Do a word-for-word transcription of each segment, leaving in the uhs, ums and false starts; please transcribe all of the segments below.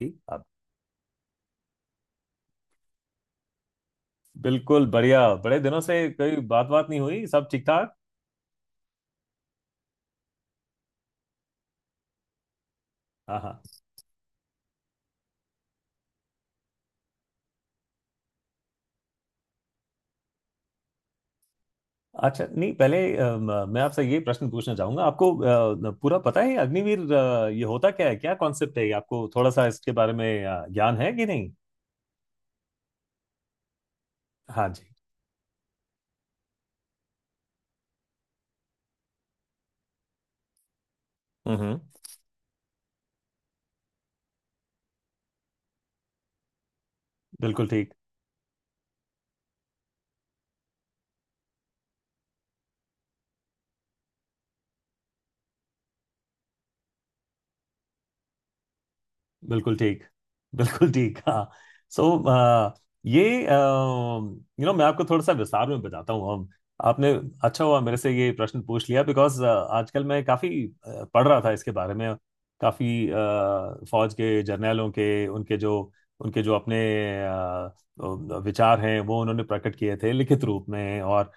ठीक। आप? बिल्कुल बढ़िया। बड़े दिनों से कोई बात बात नहीं हुई। सब ठीक ठाक। हाँ हाँ। अच्छा। नहीं, पहले अ, म- मैं आपसे ये प्रश्न पूछना चाहूंगा आपको। अ, पूरा पता है अग्निवीर, अ, ये होता क्या है, क्या कॉन्सेप्ट है ये? आपको थोड़ा सा इसके बारे में अ, ज्ञान है कि नहीं? हाँ जी। हम्म हम्म। बिल्कुल ठीक। बिल्कुल ठीक। बिल्कुल ठीक। हाँ। सो ये, यू नो मैं आपको थोड़ा सा विस्तार में बताता हूँ। हम। आपने। अच्छा हुआ मेरे से ये प्रश्न पूछ लिया, बिकॉज आजकल मैं काफ़ी पढ़ रहा था इसके बारे में। काफ़ी फौज के जर्नैलों के, उनके जो उनके जो अपने अ, विचार हैं वो उन्होंने प्रकट किए थे लिखित रूप में, और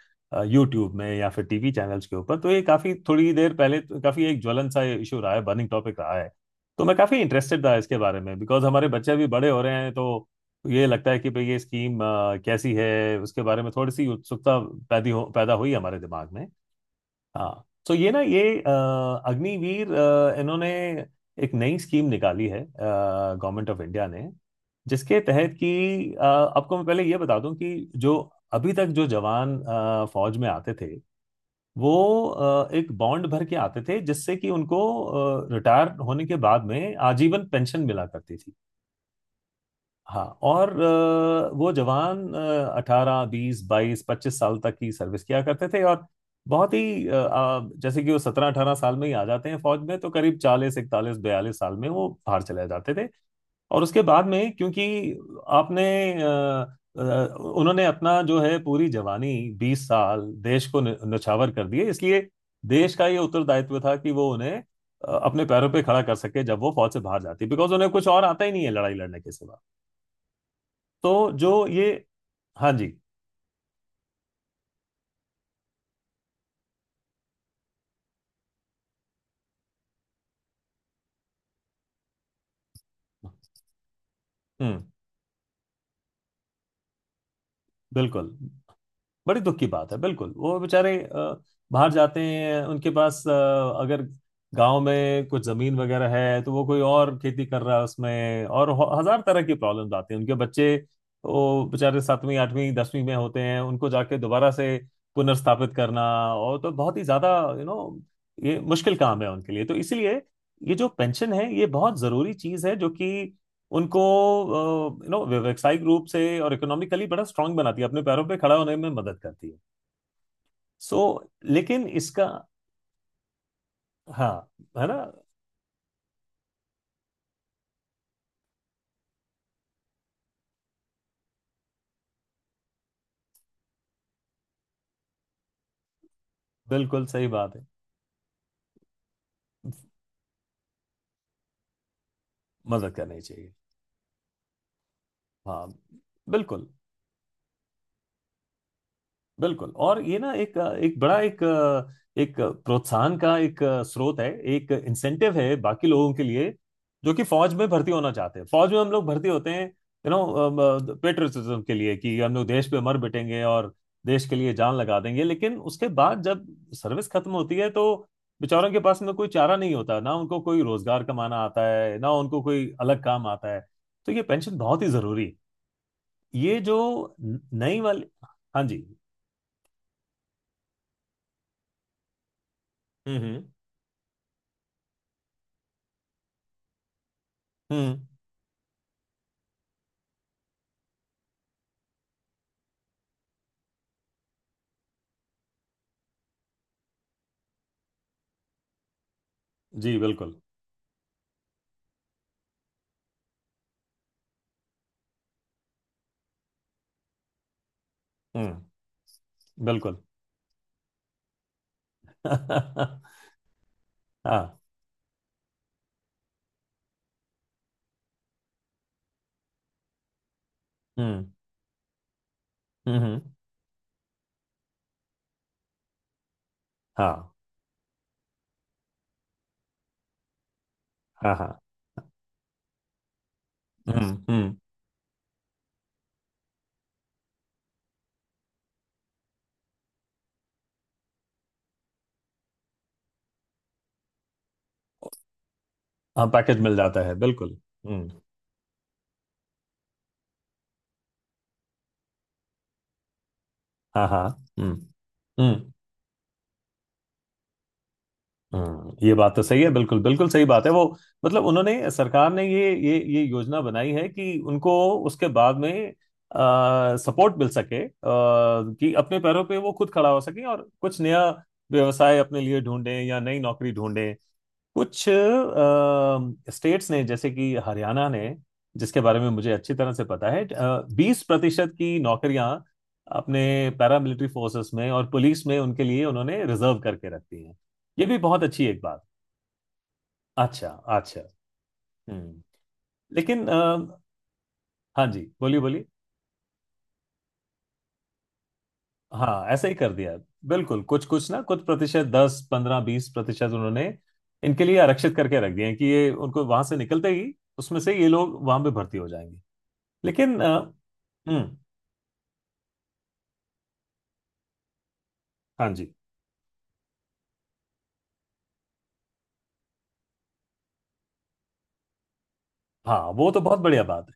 यूट्यूब में या फिर टीवी चैनल्स के ऊपर। तो ये काफ़ी थोड़ी देर पहले काफ़ी एक ज्वलन सा इशू रहा है, बर्निंग टॉपिक रहा है। तो मैं काफी इंटरेस्टेड था इसके बारे में, बिकॉज हमारे बच्चे भी बड़े हो रहे हैं। तो ये लगता है कि भाई ये स्कीम कैसी है, उसके बारे में थोड़ी सी उत्सुकता पैदा हो पैदा हुई हमारे दिमाग में। हाँ, तो ये ना, ये अ, अग्निवीर अ, इन्होंने एक नई स्कीम निकाली है, गवर्नमेंट ऑफ इंडिया ने। जिसके तहत कि अ, आपको मैं पहले ये बता दूं कि जो अभी तक जो जवान अ, फौज में आते थे, वो अ, एक बॉन्ड भर के आते थे, जिससे कि उनको रिटायर होने के बाद में आजीवन पेंशन मिला करती थी। हाँ। और अ, वो जवान अठारह बीस बाईस पच्चीस साल तक की सर्विस किया करते थे। और बहुत ही अ, अ, जैसे कि वो सत्रह अठारह साल में ही आ जाते हैं फौज में, तो करीब चालीस इकतालीस बयालीस साल में वो बाहर चले जाते थे। और उसके बाद में क्योंकि आपने अ, अ, उन्होंने अपना जो है पूरी जवानी बीस साल देश को न- न्योछावर कर दिए, इसलिए देश का ये उत्तरदायित्व था कि वो उन्हें अ, अपने पैरों पे खड़ा कर सके जब वो फौज से बाहर जाती, बिकॉज उन्हें कुछ और आता ही नहीं है लड़ाई लड़ने के सिवा। तो जो ये। हाँ जी। हम्म। बिल्कुल, बड़ी दुख की बात है, बिल्कुल। वो बेचारे अ, बाहर जाते हैं, उनके पास अ, अगर गांव में कुछ जमीन वगैरह है तो वो कोई और खेती कर रहा है उसमें, और ह- हजार तरह की प्रॉब्लम्स आती हैं। उनके बच्चे वो बेचारे सातवीं आठवीं दसवीं में होते हैं, उनको जाके दोबारा से पुनर्स्थापित करना। और तो बहुत ही ज्यादा, यू नो ये मुश्किल काम है उनके लिए। तो इसीलिए ये जो पेंशन है, ये बहुत जरूरी चीज है जो कि उनको यू नो व्यावसायिक रूप से और इकोनॉमिकली बड़ा स्ट्रांग बनाती है, अपने पैरों पे खड़ा होने में मदद करती है। सो so, लेकिन इसका। हाँ। है ना। बिल्कुल सही बात है, मदद करनी चाहिए। हाँ। बिल्कुल। बिल्कुल, और ये ना एक एक बड़ा एक एक प्रोत्साहन का एक स्रोत है, एक इंसेंटिव है बाकी लोगों के लिए जो कि फौज में भर्ती होना चाहते हैं। फौज में हम लोग भर्ती होते हैं यू नो पेट्रियटिज्म के लिए, कि हम लोग देश पे मर मिटेंगे और देश के लिए जान लगा देंगे। लेकिन उसके बाद जब सर्विस खत्म होती है तो बेचारों के पास में कोई चारा नहीं होता, ना उनको कोई रोजगार कमाना आता है, ना उनको कोई अलग काम आता है। तो ये पेंशन बहुत ही जरूरी है। ये जो न- नई वाली। हाँ जी। हम्म हम्म। जी बिल्कुल। हम्म। बिल्कुल हाँ। हम्म हम्म। हम्म, हाँ हाँ हाँ। हम्म हम्म। हाँ, पैकेज मिल जाता है, बिल्कुल। हम्म। हाँ हाँ। हम्म हम्म। हम्म। ये बात तो सही है, बिल्कुल बिल्कुल सही बात है। वो मतलब उन्होंने, सरकार ने ये ये ये योजना बनाई है कि उनको उसके बाद में सपोर्ट मिल सके, आ, कि अपने पैरों पे वो खुद खड़ा हो सके और कुछ नया व्यवसाय अपने लिए ढूंढें या नई नौकरी ढूंढें। कुछ स्टेट्स ने, जैसे कि हरियाणा ने, जिसके बारे में मुझे अच्छी तरह से पता है, बीस प्रतिशत की नौकरियां अपने पैरामिलिट्री फोर्सेस में और पुलिस में उनके लिए उन्होंने रिजर्व करके रखती हैं। ये भी बहुत अच्छी एक बात। अच्छा। अच्छा। हम्म। लेकिन अ, हाँ जी, बोलिए बोलिए। हाँ ऐसा ही कर दिया, बिल्कुल। कुछ कुछ ना कुछ प्रतिशत, दस पंद्रह बीस प्रतिशत उन्होंने इनके लिए आरक्षित करके रख दिए हैं कि ये उनको वहां से निकलते ही, उसमें से ये लोग वहां पे भर्ती हो जाएंगे। लेकिन अ, हम्म। हाँ जी। हाँ, वो तो बहुत बढ़िया बात है।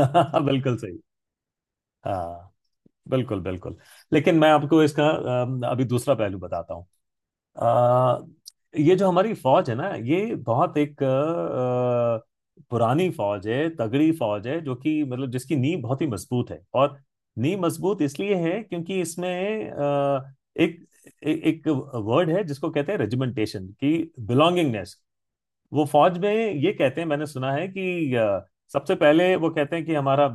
हम्म बिल्कुल सही। हाँ बिल्कुल बिल्कुल। लेकिन मैं आपको इसका अम, अभी दूसरा पहलू बताता हूँ। अ, ये जो हमारी फौज है ना, ये बहुत एक अ, पुरानी फौज है, तगड़ी फौज है, जो कि मतलब जिसकी नींव बहुत ही मजबूत है। और नींव मजबूत इसलिए है क्योंकि इसमें अ, एक ए- एक वर्ड है जिसको कहते हैं रेजिमेंटेशन की बिलोंगिंगनेस। वो फौज में ये कहते हैं, मैंने सुना है कि अ, सबसे पहले वो कहते हैं कि हमारा अ,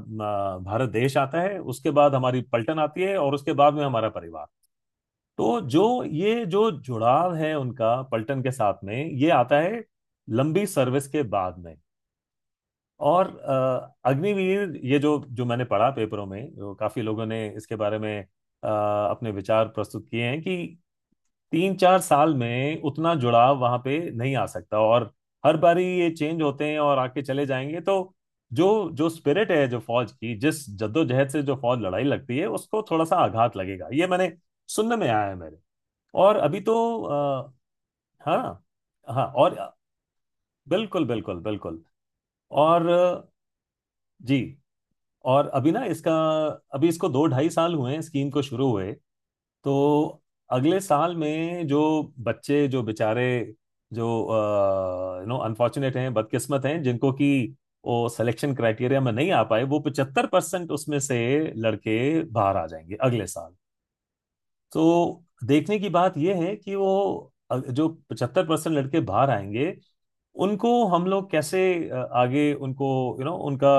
भारत देश आता है, उसके बाद हमारी पलटन आती है, और उसके बाद में हमारा परिवार। तो जो, ये जो जुड़ाव है उनका पलटन के साथ में, ये आता है लंबी सर्विस के बाद में। और अ, अग्निवीर, ये जो जो मैंने पढ़ा पेपरों में, जो काफी लोगों ने इसके बारे में अ, अपने विचार प्रस्तुत किए हैं, कि तीन चार साल में उतना जुड़ाव वहां पे नहीं आ सकता, और हर बारी ये चेंज होते हैं और आके चले जाएंगे, तो जो, जो स्पिरिट है जो फौज की, जिस जद्दोजहद से जो फौज लड़ाई लगती है, उसको थोड़ा सा आघात लगेगा, ये मैंने सुनने में आया है मेरे। और अभी तो अ, हाँ हाँ। और बिल्कुल बिल्कुल बिल्कुल। और अ, जी। और अभी ना इसका, अभी इसको दो ढाई साल हुए हैं स्कीम को शुरू हुए। तो अगले साल में जो बच्चे, जो बेचारे, जो यू नो अनफॉर्चुनेट हैं, बदकिस्मत हैं, जिनको कि वो सिलेक्शन क्राइटेरिया में नहीं आ पाए, वो पचहत्तर परसेंट उसमें से लड़के बाहर आ जाएंगे अगले साल। तो देखने की बात यह है कि वो अ- जो पचहत्तर परसेंट लड़के बाहर आएंगे, उनको हम लोग कैसे अ, आगे उनको, यू नो उनका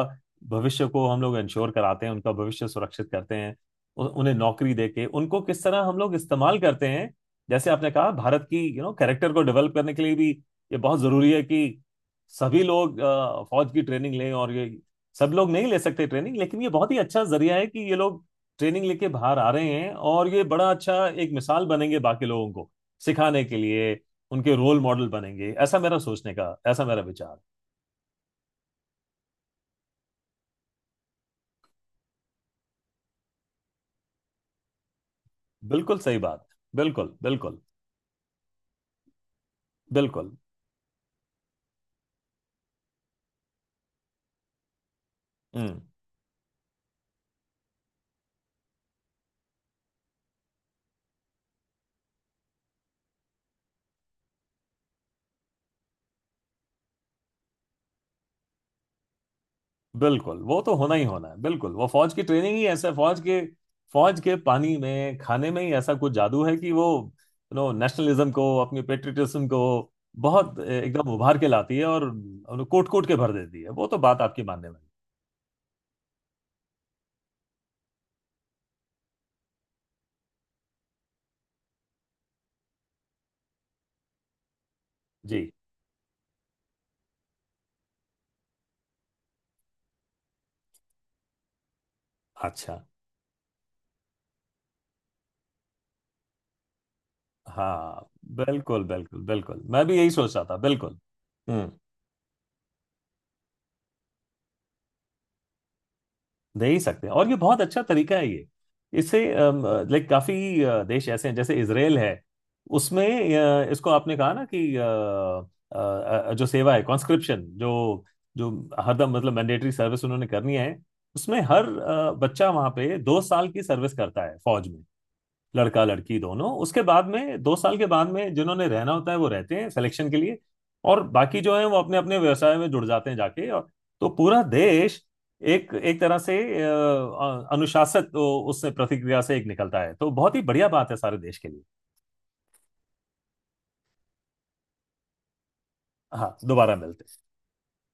भविष्य को हम लोग इंश्योर कराते हैं, उनका भविष्य सुरक्षित करते हैं, उ- उन्हें नौकरी देके उनको किस तरह हम लोग इस्तेमाल करते हैं। जैसे आपने कहा भारत की यू नो कैरेक्टर को डेवलप करने के लिए भी ये बहुत जरूरी है कि सभी लोग अ, फौज की ट्रेनिंग लें। और ये सब लोग नहीं ले सकते ट्रेनिंग, लेकिन ये बहुत ही अच्छा जरिया है कि ये लोग ट्रेनिंग लेके बाहर आ रहे हैं, और ये बड़ा अच्छा एक मिसाल बनेंगे बाकी लोगों को सिखाने के लिए, उनके रोल मॉडल बनेंगे। ऐसा मेरा सोचने का, ऐसा मेरा विचार। बिल्कुल सही बात। बिल्कुल बिल्कुल बिल्कुल। हम्म। बिल्कुल, वो तो होना ही होना है। बिल्कुल, वो फौज की ट्रेनिंग ही ऐसा है, फौज के फौज के पानी में खाने में ही ऐसा कुछ जादू है कि वो यू नो नेशनलिज्म को, अपनी पेट्रियटिज्म को बहुत एकदम उभार के लाती है, और कोट कोट के भर देती है। वो तो बात आपकी मानने वाली। जी। अच्छा। हाँ बिल्कुल बिल्कुल बिल्कुल, मैं भी यही सोच रहा था, बिल्कुल। हम्म। दे ही सकते हैं, और ये बहुत अच्छा तरीका है ये। इससे, लाइक काफी अ, देश ऐसे हैं, जैसे इसराइल है। उसमें अ, इसको आपने कहा ना, कि अ, अ, अ, जो सेवा है कॉन्स्क्रिप्शन, जो जो हरदम मतलब मैंडेटरी सर्विस उन्होंने करनी है। उसमें हर अ, बच्चा वहां पे दो साल की सर्विस करता है फौज में। लड़का लड़की दोनों। उसके बाद में दो साल के बाद में जिन्होंने रहना होता है वो रहते हैं सिलेक्शन के लिए, और बाकी जो है वो अपने अपने व्यवसाय में जुड़ जाते हैं जाके। और तो पूरा देश एक एक तरह से अ, अनुशासित उससे प्रतिक्रिया से एक निकलता है, तो बहुत ही बढ़िया बात है सारे देश के लिए। हाँ दोबारा मिलते हैं।